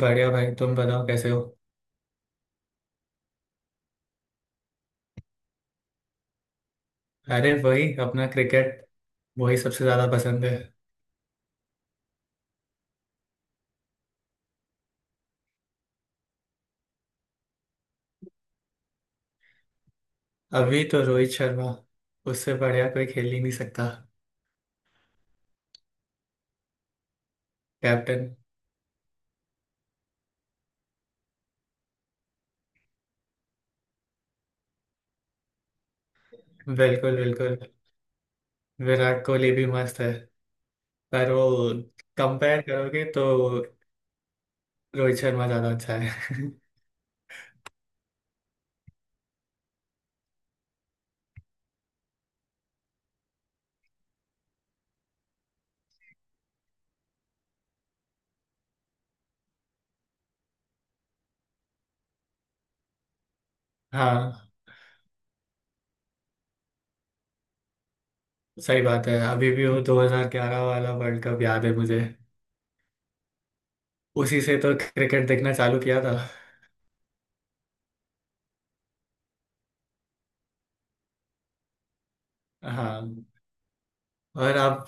बढ़िया भाई तुम बताओ कैसे हो। अरे वही अपना क्रिकेट वही सबसे ज्यादा पसंद है। अभी तो रोहित शर्मा, उससे बढ़िया कोई खेल ही नहीं सकता। कैप्टन। बिल्कुल बिल्कुल, विराट कोहली भी मस्त है पर वो, कंपेयर करोगे तो रोहित शर्मा ज्यादा अच्छा है। हाँ सही बात है, अभी भी वो 2011 वाला वर्ल्ड कप याद है मुझे। उसी से तो क्रिकेट देखना चालू किया था। हाँ और आप।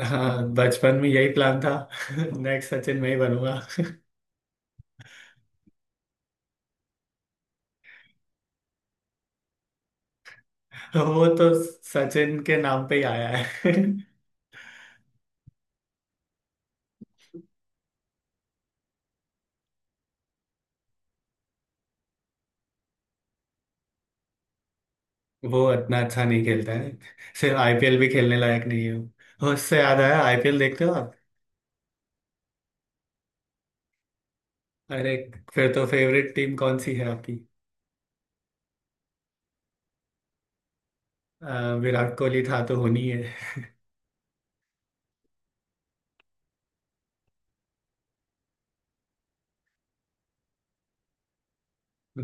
हाँ बचपन में यही प्लान था। नेक्स्ट सचिन मैं ही बनूंगा। वो तो सचिन के नाम पे ही आया है। वो इतना अच्छा नहीं खेलता है। सिर्फ आईपीएल भी खेलने लायक नहीं है वो। उससे याद आया, आईपीएल देखते हो आप। अरे फिर तो फेवरेट टीम कौन सी है आपकी। विराट कोहली था तो होनी है।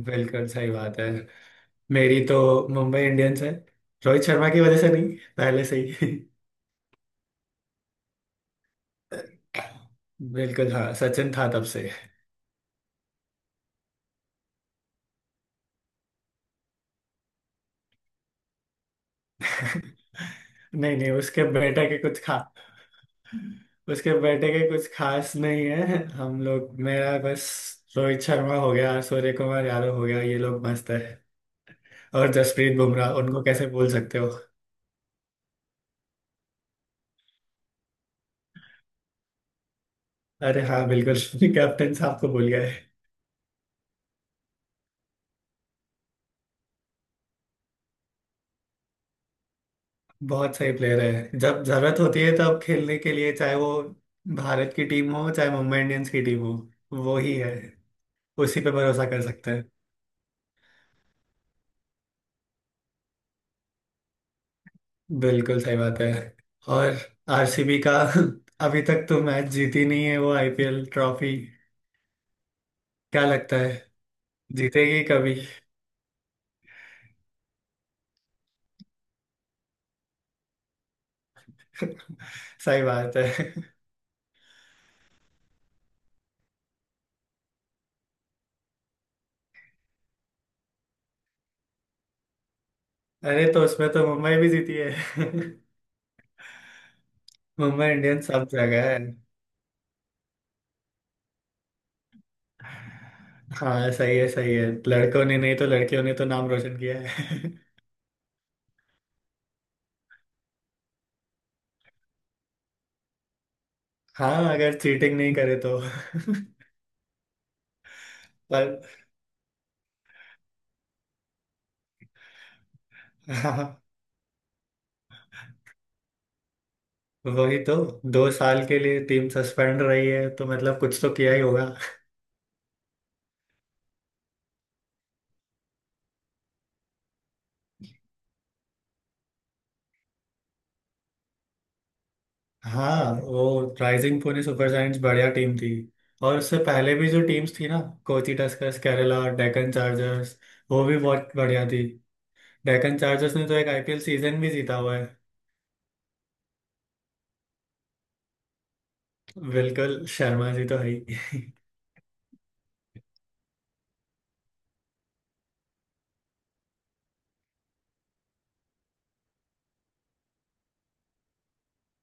बिल्कुल सही बात है। मेरी तो मुंबई इंडियंस है। रोहित शर्मा की वजह से नहीं, पहले से ही। बिल्कुल हाँ, सचिन था तब से। नहीं नहीं उसके बेटे के कुछ खा उसके बेटे के कुछ खास नहीं है। हम लोग, मेरा बस रोहित शर्मा हो गया, सूर्य कुमार यादव हो गया, ये लोग मस्त है। और जसप्रीत बुमराह, उनको कैसे भूल सकते हो। अरे हाँ बिल्कुल कैप्टन साहब को भूल गए। बहुत सही प्लेयर है, जब जरूरत होती है तब खेलने के लिए, चाहे वो भारत की टीम हो चाहे मुंबई इंडियंस की टीम हो, वो ही है। उसी पे भरोसा कर सकते हैं। बिल्कुल सही बात है। और आरसीबी का अभी तक तो मैच जीती नहीं है वो आईपीएल ट्रॉफी। क्या लगता है, जीतेगी कभी। सही बात है। अरे तो उसमें तो मुंबई भी जीती है। मुंबई इंडियंस सब जगह है। हाँ सही है सही है, लड़कों ने नहीं तो लड़कियों ने तो नाम रोशन किया है। हाँ अगर चीटिंग नहीं करे तो। पर हाँ, वही तो, दो साल के लिए टीम सस्पेंड रही है तो मतलब कुछ तो किया ही होगा। हाँ वो राइजिंग पुणे सुपर जायंट्स बढ़िया टीम थी। और उससे पहले भी जो टीम्स थी ना, कोची टस्कर्स, केरला, डेक्कन चार्जर्स, वो भी बहुत बढ़िया थी। डेक्कन चार्जर्स ने तो एक आईपीएल सीजन भी जीता हुआ है। बिल्कुल शर्मा जी तो है ही।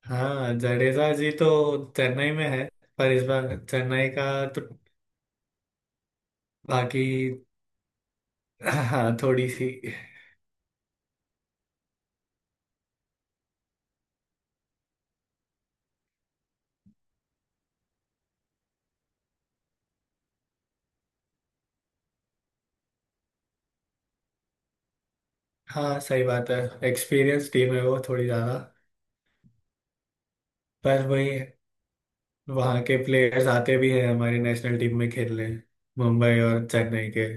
हाँ जडेजा जी तो चेन्नई में है। पर इस बार चेन्नई का तो बाकी, हाँ थोड़ी सी। हाँ सही बात है, एक्सपीरियंस टीम है वो थोड़ी ज्यादा। पर वही, वहाँ के प्लेयर्स आते भी हैं हमारी नेशनल टीम में खेलने, मुंबई और चेन्नई के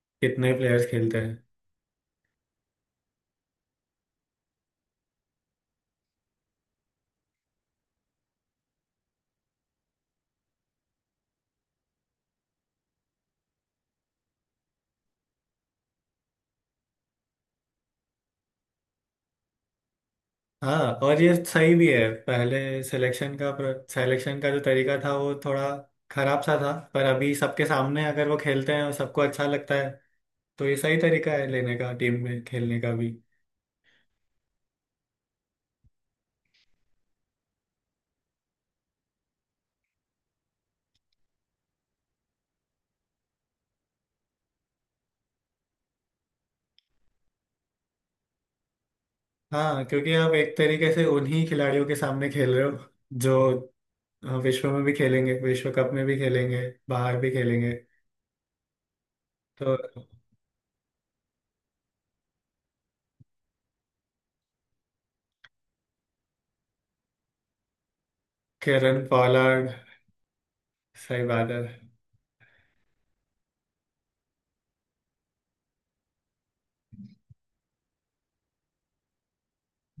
कितने प्लेयर्स खेलते। हाँ और ये सही भी है। पहले सिलेक्शन का, सिलेक्शन का जो तरीका था वो थोड़ा खराब सा था, पर अभी सबके सामने अगर वो खेलते हैं और सबको अच्छा लगता है तो ये सही तरीका है लेने का, टीम में खेलने का भी। हाँ क्योंकि आप एक तरीके से उन्हीं खिलाड़ियों के सामने खेल रहे हो जो विश्व में भी खेलेंगे, विश्व कप में भी खेलेंगे, बाहर भी खेलेंगे तो। Kieron Pollard. सही बात है।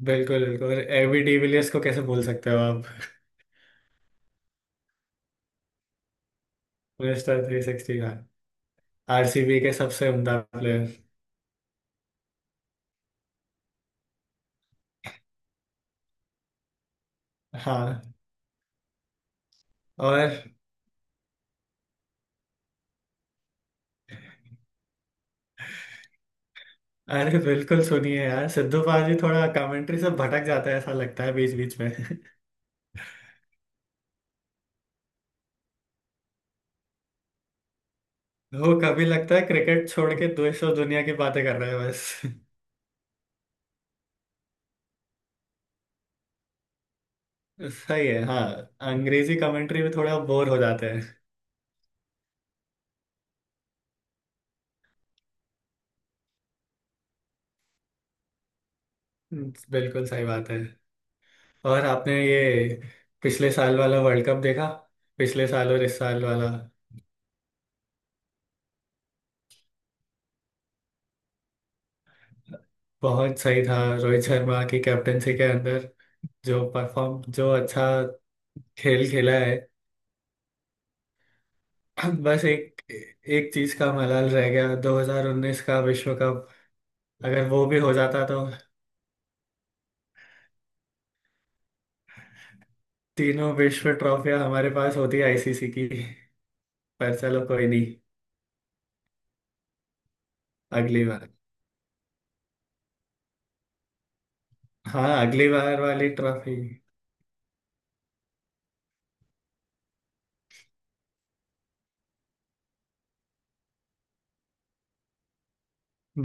बिल्कुल बिल्कुल, एबी डिविलियर्स को कैसे भूल सकते हो आप। मिस्टर थ्री सिक्सटी, आरसीबी के सबसे उम्दा प्लेयर। हाँ और, अरे बिल्कुल सुनिए यार, सिद्धू पाजी थोड़ा कमेंट्री से भटक जाता है ऐसा लगता है बीच बीच में। वो कभी लगता है क्रिकेट छोड़ के दूसरों दुनिया की बातें कर रहे हैं बस। सही है हाँ, अंग्रेजी कमेंट्री में थोड़ा बोर हो जाते हैं। बिल्कुल सही बात है। और आपने ये पिछले साल वाला वर्ल्ड कप देखा, पिछले साल और इस साल वाला। बहुत सही था, रोहित शर्मा की कैप्टनसी के अंदर जो परफॉर्म, जो अच्छा खेल खेला है। बस एक एक चीज का मलाल रह गया, 2019 का विश्व कप अगर वो भी हो जाता तो तीनों विश्व ट्रॉफियां हमारे पास होती आईसीसी की। पर चलो कोई नहीं, अगली बार। हाँ अगली बार वाली ट्रॉफी।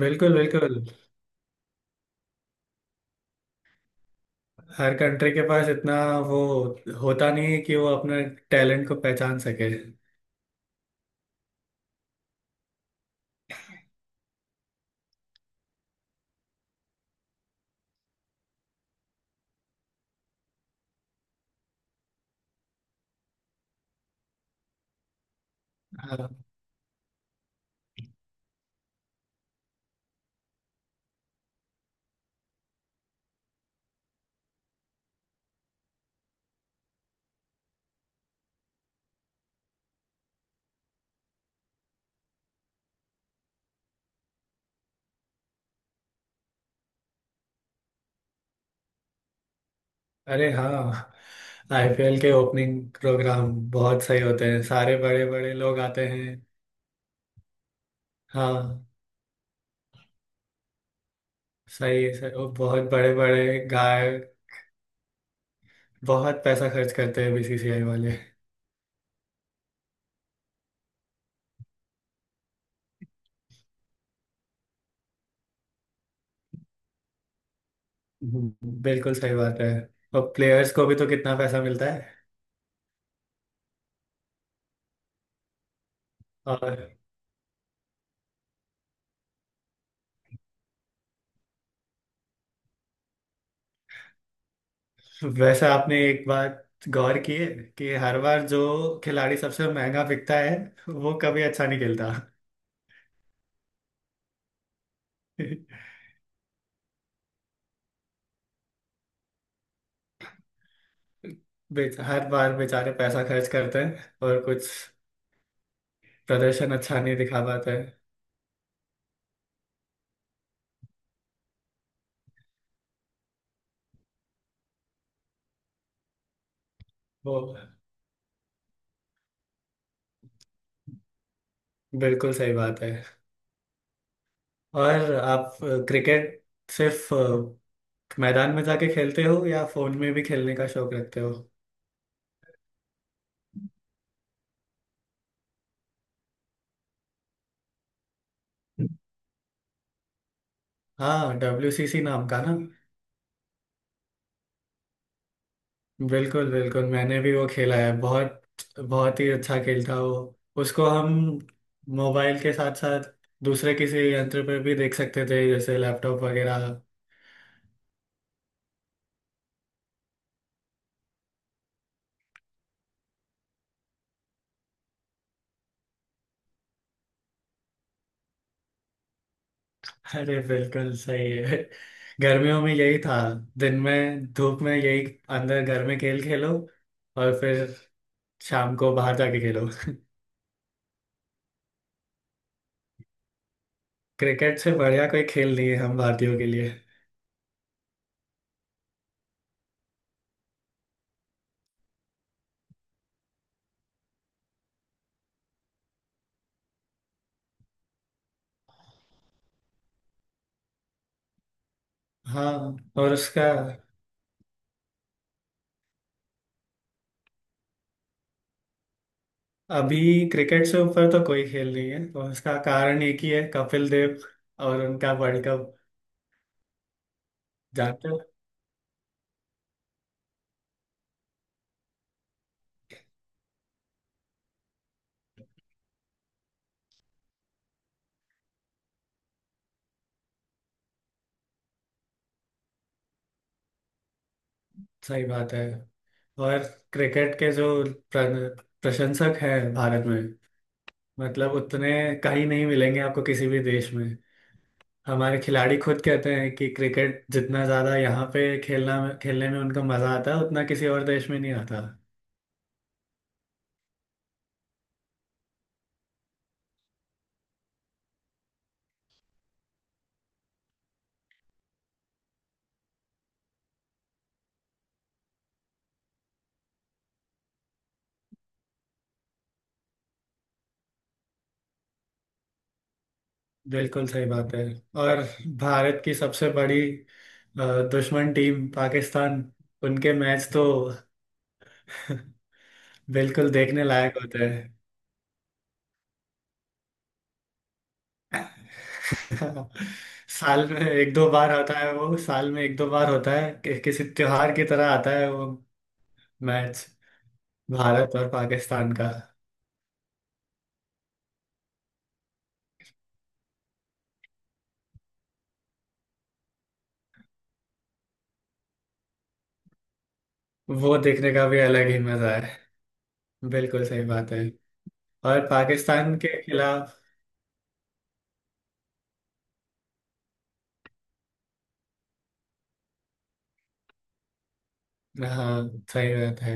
बिल्कुल बिल्कुल, हर कंट्री के पास इतना वो होता नहीं है कि वो अपने टैलेंट को पहचान सके। हाँ। अरे हाँ, आईपीएल के ओपनिंग प्रोग्राम बहुत सही होते हैं, सारे बड़े बड़े लोग आते हैं। हाँ सही है सर, वो बहुत बड़े बड़े गाय। बहुत पैसा खर्च करते हैं बीसीसीआई वाले। हम्म। बिल्कुल सही बात है। और प्लेयर्स को भी तो कितना पैसा मिलता है। और वैसे आपने एक बात गौर की है कि हर बार जो खिलाड़ी सबसे महंगा बिकता है वो कभी अच्छा नहीं खेलता। हर बार बेचारे पैसा खर्च करते हैं और कुछ प्रदर्शन अच्छा नहीं दिखा पाते हैं वो। बिल्कुल सही बात है। और आप क्रिकेट सिर्फ मैदान में जाके खेलते हो या फोन में भी खेलने का शौक रखते हो। हाँ डब्ल्यूसीसी नाम का ना। बिल्कुल बिल्कुल मैंने भी वो खेला है बहुत, बहुत ही अच्छा खेल था वो। उसको हम मोबाइल के साथ साथ दूसरे किसी यंत्र पर भी देख सकते थे जैसे लैपटॉप वगैरह। अरे बिल्कुल सही है, गर्मियों में यही था, दिन में धूप में यही अंदर घर में खेल खेलो और फिर शाम को बाहर जाके खेलो। क्रिकेट से बढ़िया कोई खेल नहीं है हम भारतीयों के लिए। हाँ और उसका, अभी क्रिकेट से ऊपर तो कोई खेल नहीं है और उसका कारण एक ही है, कपिल देव और उनका वर्ल्ड कप, जानते हो। सही बात है। और क्रिकेट के जो प्रशंसक हैं भारत में, मतलब उतने कहीं नहीं मिलेंगे आपको किसी भी देश में। हमारे खिलाड़ी खुद कहते हैं कि क्रिकेट जितना ज्यादा यहाँ पे खेलना, खेलने में उनको मजा आता है उतना किसी और देश में नहीं आता। बिल्कुल सही बात है। और भारत की सबसे बड़ी अ, दुश्मन टीम पाकिस्तान, उनके मैच तो बिल्कुल देखने लायक होते हैं। साल में एक दो बार आता है वो, साल में एक दो बार होता है कि किसी त्योहार की तरह आता है वो मैच, भारत और पाकिस्तान का। वो देखने का भी अलग ही मजा है। बिल्कुल सही बात है। और पाकिस्तान के खिलाफ, हाँ सही बात है।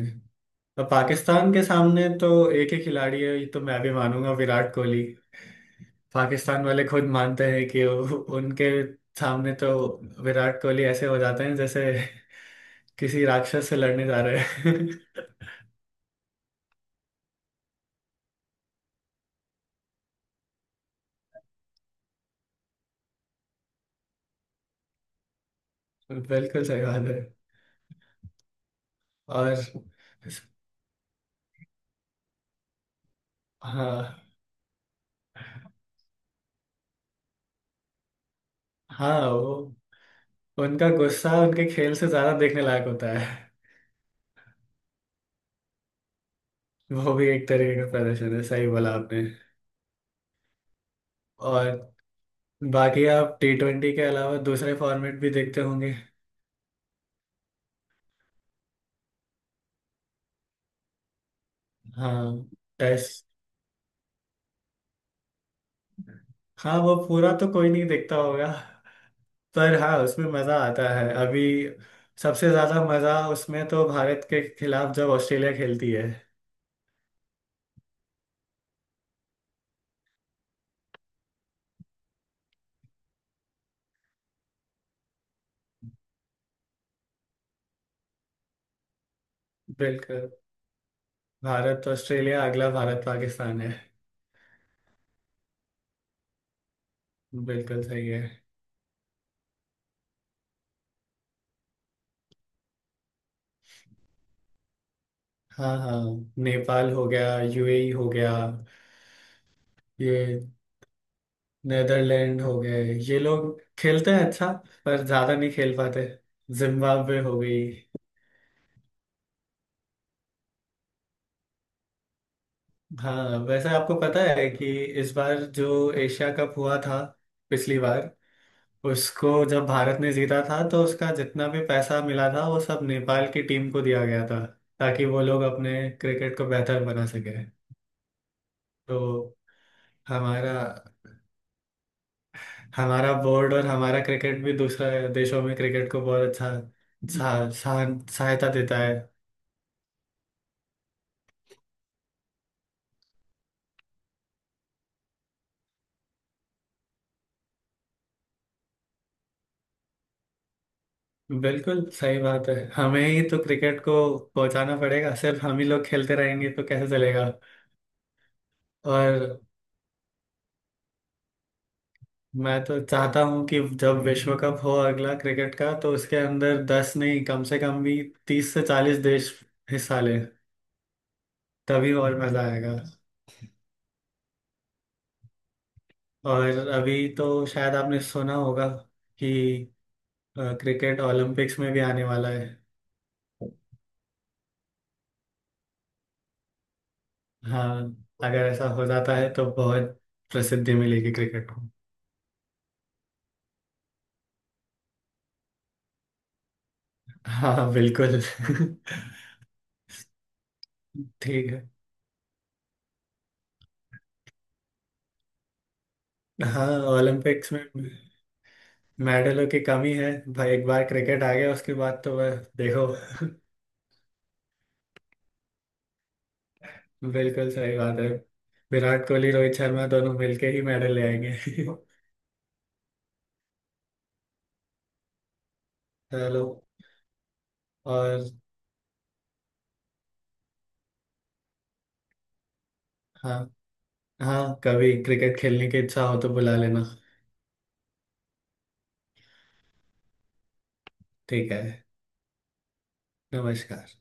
और पाकिस्तान के सामने तो एक ही खिलाड़ी है, ये तो मैं भी मानूंगा, विराट कोहली। पाकिस्तान वाले खुद मानते हैं कि उनके सामने तो विराट कोहली ऐसे हो जाते हैं जैसे किसी राक्षस से लड़ने जा रहे हैं। बिल्कुल सही बात है। और हाँ, हाँ वो उनका गुस्सा उनके खेल से ज्यादा देखने लायक होता है। वो भी एक तरीके का प्रदर्शन है, सही बोला आपने। और बाकी आप टी ट्वेंटी के अलावा दूसरे फॉर्मेट भी देखते होंगे। हाँ टेस्ट। हाँ वो पूरा तो कोई नहीं देखता होगा। पर हाँ उसमें मजा आता है, अभी सबसे ज्यादा मजा उसमें तो, भारत के खिलाफ जब ऑस्ट्रेलिया खेलती है। बिल्कुल, भारत ऑस्ट्रेलिया, अगला भारत पाकिस्तान है। बिल्कुल सही है। हाँ हाँ, नेपाल हो गया, यूएई हो गया, ये नेदरलैंड हो गए, ये लोग खेलते हैं अच्छा, पर ज्यादा नहीं खेल पाते। जिम्बाब्वे हो गई। हाँ वैसे आपको पता है कि इस बार जो एशिया कप हुआ था पिछली बार, उसको जब भारत ने जीता था तो उसका जितना भी पैसा मिला था वो सब नेपाल की टीम को दिया गया था ताकि वो लोग अपने क्रिकेट को बेहतर बना सके। तो हमारा हमारा बोर्ड और हमारा क्रिकेट भी दूसरे देशों में क्रिकेट को बहुत अच्छा सहा- सहा- सहायता देता है। बिल्कुल सही बात है। हमें ही तो क्रिकेट को पहुंचाना पड़ेगा, सिर्फ हम ही लोग खेलते रहेंगे तो कैसे चलेगा। और मैं तो चाहता हूं कि जब विश्व कप हो अगला क्रिकेट का तो उसके अंदर दस नहीं कम से कम भी 30 से 40 देश हिस्सा लें, तभी और मजा आएगा। और अभी तो शायद आपने सुना होगा कि क्रिकेट ओलंपिक्स में भी आने वाला है। हाँ अगर ऐसा हो जाता है तो बहुत प्रसिद्धि मिलेगी क्रिकेट को। हाँ हाँ, बिल्कुल। ठीक है। हाँ ओलंपिक्स में मेडलों की कमी है भाई, एक बार क्रिकेट आ गया उसके बाद तो वह देखो। बिल्कुल सही बात है, विराट कोहली रोहित शर्मा दोनों मिलके ही मेडल ले आएंगे। चलो और हाँ, हाँ कभी क्रिकेट खेलने की इच्छा हो तो बुला लेना। ठीक है, नमस्कार।